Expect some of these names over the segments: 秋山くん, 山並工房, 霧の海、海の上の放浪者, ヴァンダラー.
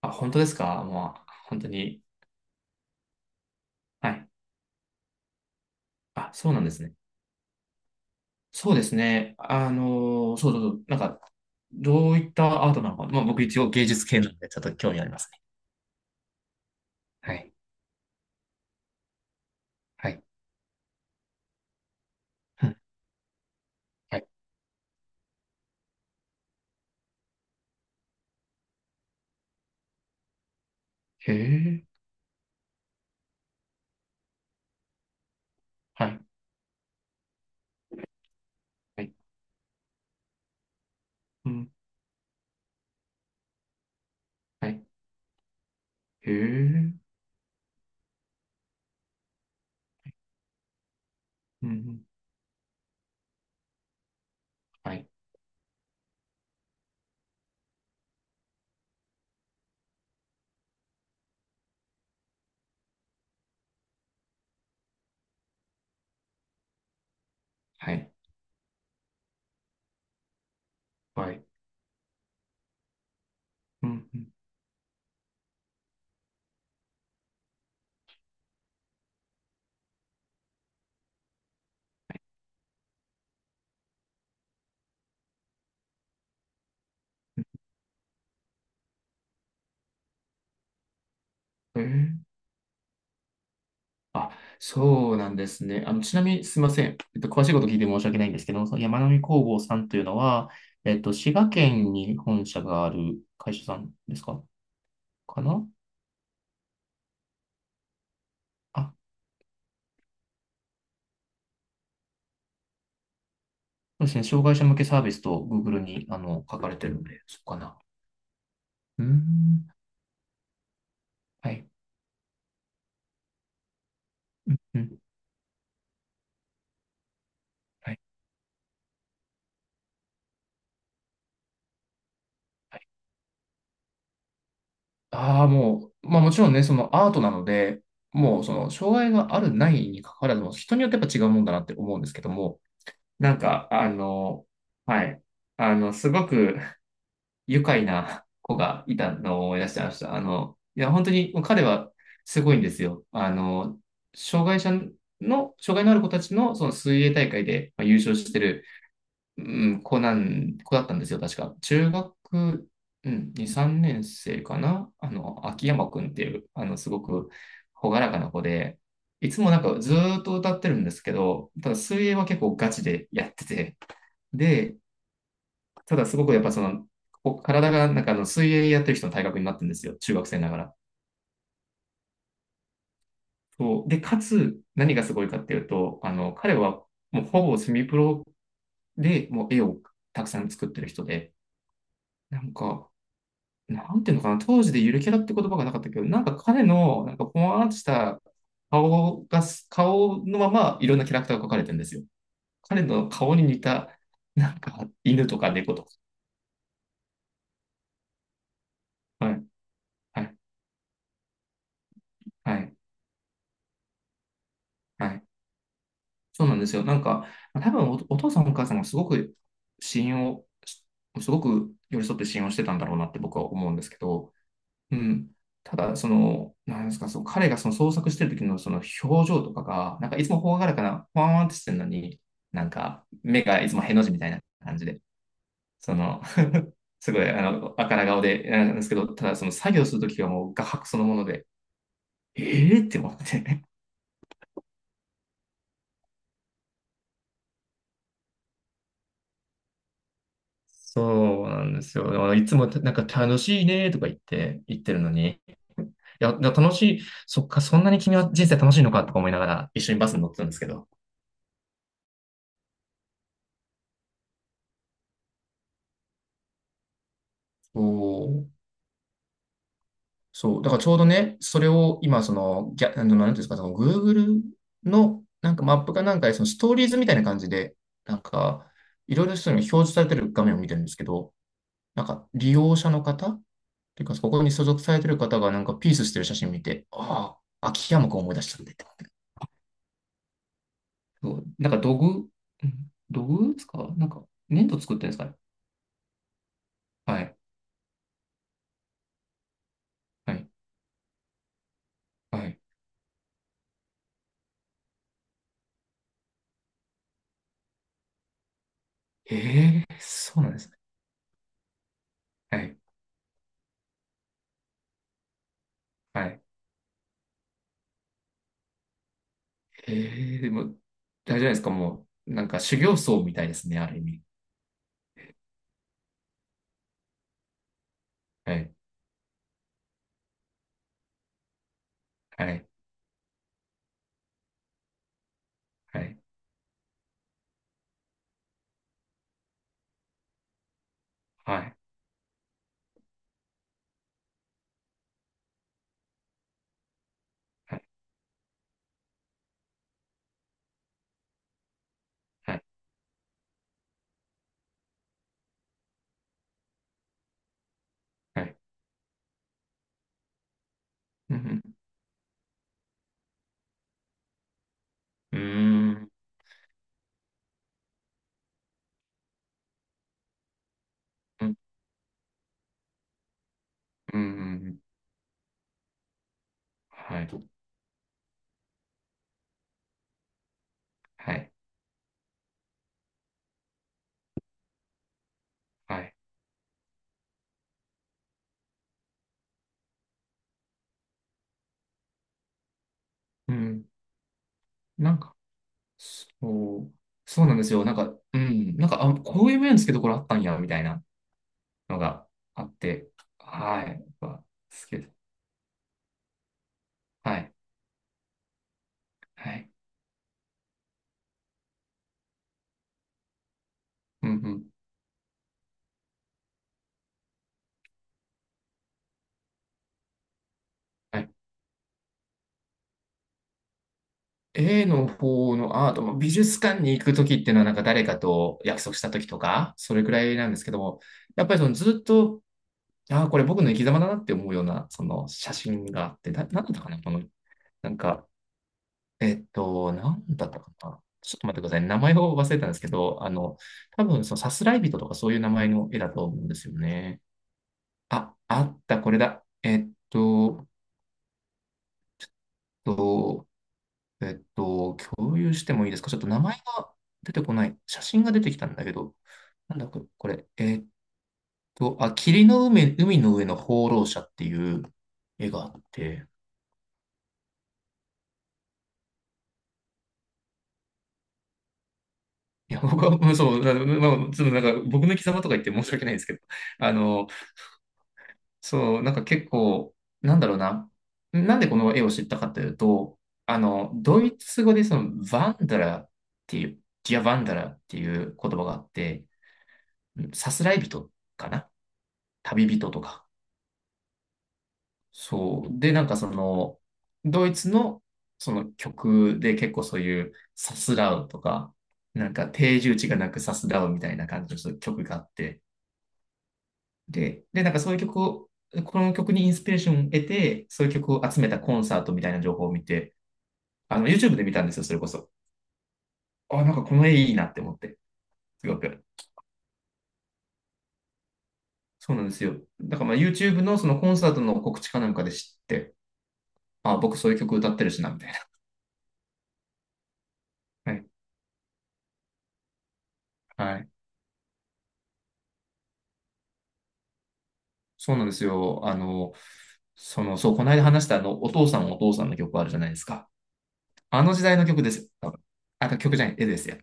あ、本当ですか？もう、本当に。はい。あ、そうなんですね。そうですね。そうそうそう。なんか、どういったアートなのか。まあ、僕一応芸術系なんで、ちょっと興味ありますね。はい。はい。うん、はい。へえ。はい。はい。うん。はい。へえ。うん。はい。はい。はい。うん。うん、へえ。あ、そうなんですね。あの、ちなみにすいません。詳しいこと聞いて申し訳ないんですけど、その山並工房さんというのは、滋賀県に本社がある会社さんですか、かな？あ、そうですね。障害者向けサービスと Google に、あの、書かれてるので、そうかな。うーん。はい。うん。はい。はい。ああ、もう、まあもちろんね、そのアートなので、もうその障害があるないにかかわらずも、人によってやっぱ違うもんだなって思うんですけども、なんか、あの、はい。あの、すごく愉快な子がいたのを思い出してました。あの、いや、本当に彼はすごいんですよ。あの、障害者の、障害のある子たちのその水泳大会でまあ優勝してる、うん、子だったんですよ、確か。中学、うん、2、3年生かな、あの、秋山くんっていう、あの、すごく朗らかな子で、いつもなんかずーっと歌ってるんですけど、ただ水泳は結構ガチでやってて、で、ただすごくやっぱその、体がなんかあの水泳やってる人の体格になってるんですよ。中学生ながら。そう。で、かつ、何がすごいかっていうと、あの、彼はもうほぼセミプロでもう絵をたくさん作ってる人で、なんか、なんていうのかな、当時でゆるキャラって言葉がなかったけど、なんか彼の、なんかぽわーんとした顔が、顔のままいろんなキャラクターが描かれてるんですよ。彼の顔に似た、なんか犬とか猫とか。はい、はい、はい、はい。そうなんですよ。なんか、多分お父さんお母さんがすごく信用し、すごく寄り添って信用してたんだろうなって僕は思うんですけど、うん。ただ、その、なんですか、その彼がその創作してる時のその表情とかが、なんかいつもほがらかな、ワンワンってしてるのに、なんか目がいつもへの字みたいな感じで、その、すごい、あの、あから顔で、なんですけど、ただその作業するときはもう画伯そのもので、えーって思って、そうなんですよ。だからいつもなんか楽しいねとか言って言ってるのに、いや、だから楽しい、そっか、そんなに君は人生楽しいのかとか思いながら一緒にバスに乗ってたんですけど。そう、そう。だからちょうどね、それを今、その、あのなんていうんですか、その Google のなんかマップかなんかで、そのストーリーズみたいな感じで、なんか、いろいろそういうのが表示されてる画面を見てるんですけど、なんか利用者の方っていうか、ここに所属されてる方がなんかピースしてる写真見て、ああ、秋山くん思い出したんで。そう、なんか土偶、うん、土偶ですか？なんか粘土作ってるんですかね？はい。はい。はい。へえ、そうなんですね。はい。はい。へえ、でも、大丈夫ですか？もう、なんか修行僧みたいですね、ある意味。はい。はい。はい。はい。はい。はい。はい。うん。うん。うん。うん。はい。はい。はい。うん。なんか、そう、そうなんですよ。なんか、うん。なんか、あ、こういう面つけどころあったんや、みたいな。のがあって、はい。やっぱ好きです。はい。はい。うん、うん。はい。A の方のアートも美術館に行くときっていうのはなんか誰かと約束したときとか、それくらいなんですけども、やっぱりそのずっと、ああ、これ僕の生き様だなって思うような、その写真があって、なんだったかな、この、なんか、なんだったかな。ちょっと待ってください。名前を忘れたんですけど、あの、多分そのさすらい人とかそういう名前の絵だと思うんですよね。あ、あった、これだ。えっと、と、えっと、共有してもいいですか？ちょっと名前が出てこない。写真が出てきたんだけど、なんだこれ。えっと、あ、霧の海、海の上の放浪者っていう絵があって、いや、僕は、うん、そう、な、まあ、ちょっとなんか、僕の生き様とか言って申し訳ないんですけど、あの、そう、なんか結構、なんだろうな。なんでこの絵を知ったかというと、あの、ドイツ語でその、ヴァンダラーっていう、ディアヴァンダラーっていう言葉があって、うん、さすらい人かな、旅人とか。そう。で、なんかその、ドイツのその曲で結構そういうさすらうとか、なんか定住地がなくさすらうみたいな感じのそういう曲があって、で、で、なんかそういう曲を、この曲にインスピレーションを得て、そういう曲を集めたコンサートみたいな情報を見て、あの、YouTube で見たんですよ、それこそ。あ、なんかこの絵いいなって思って、すごく。そうなんですよ。だからまあ YouTube のそのコンサートの告知かなんかで知って、あ、僕そういう曲歌ってるしな、みたいな。はい。はい、そうなんですよ。あの、その、そう、この間話したあの、お父さんお父さんの曲あるじゃないですか。あの時代の曲ですよ。多分あ、曲じゃない、絵ですよ。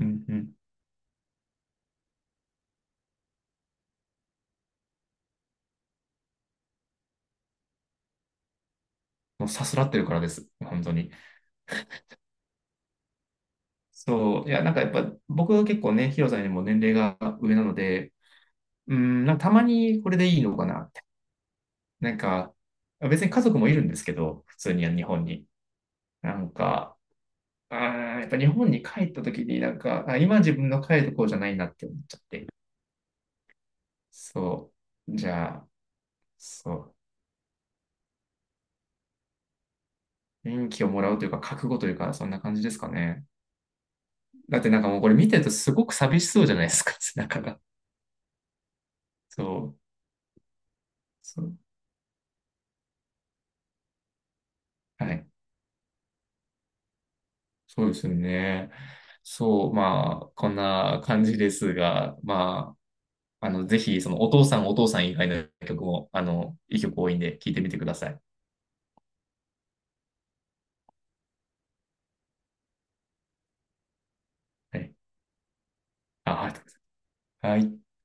うん、うん。もうさすらってるからです。本当に。そう。いや、なんかやっぱ、僕は結構ね、ヒロさんよりも年齢が上なので、うん、なんかたまにこれでいいのかなって。なんか、別に家族もいるんですけど、普通に日本に。なんか、あーやっぱ日本に帰った時になんか、あ、今自分の帰るとこじゃないなって思っちゃって。そう。じゃそう。元気をもらうというか、覚悟というか、そんな感じですかね。だってなんかもうこれ見てるとすごく寂しそうじゃないですか、背中が。そう。そう。はい。そうですよね。そう。まあ、こんな感じですが、まあ、あの、ぜひ、その、お父さん、お父さん以外の曲も、あの、いい曲多いんで、聴いてみてください。はい。あ、ありがとうございます。はい。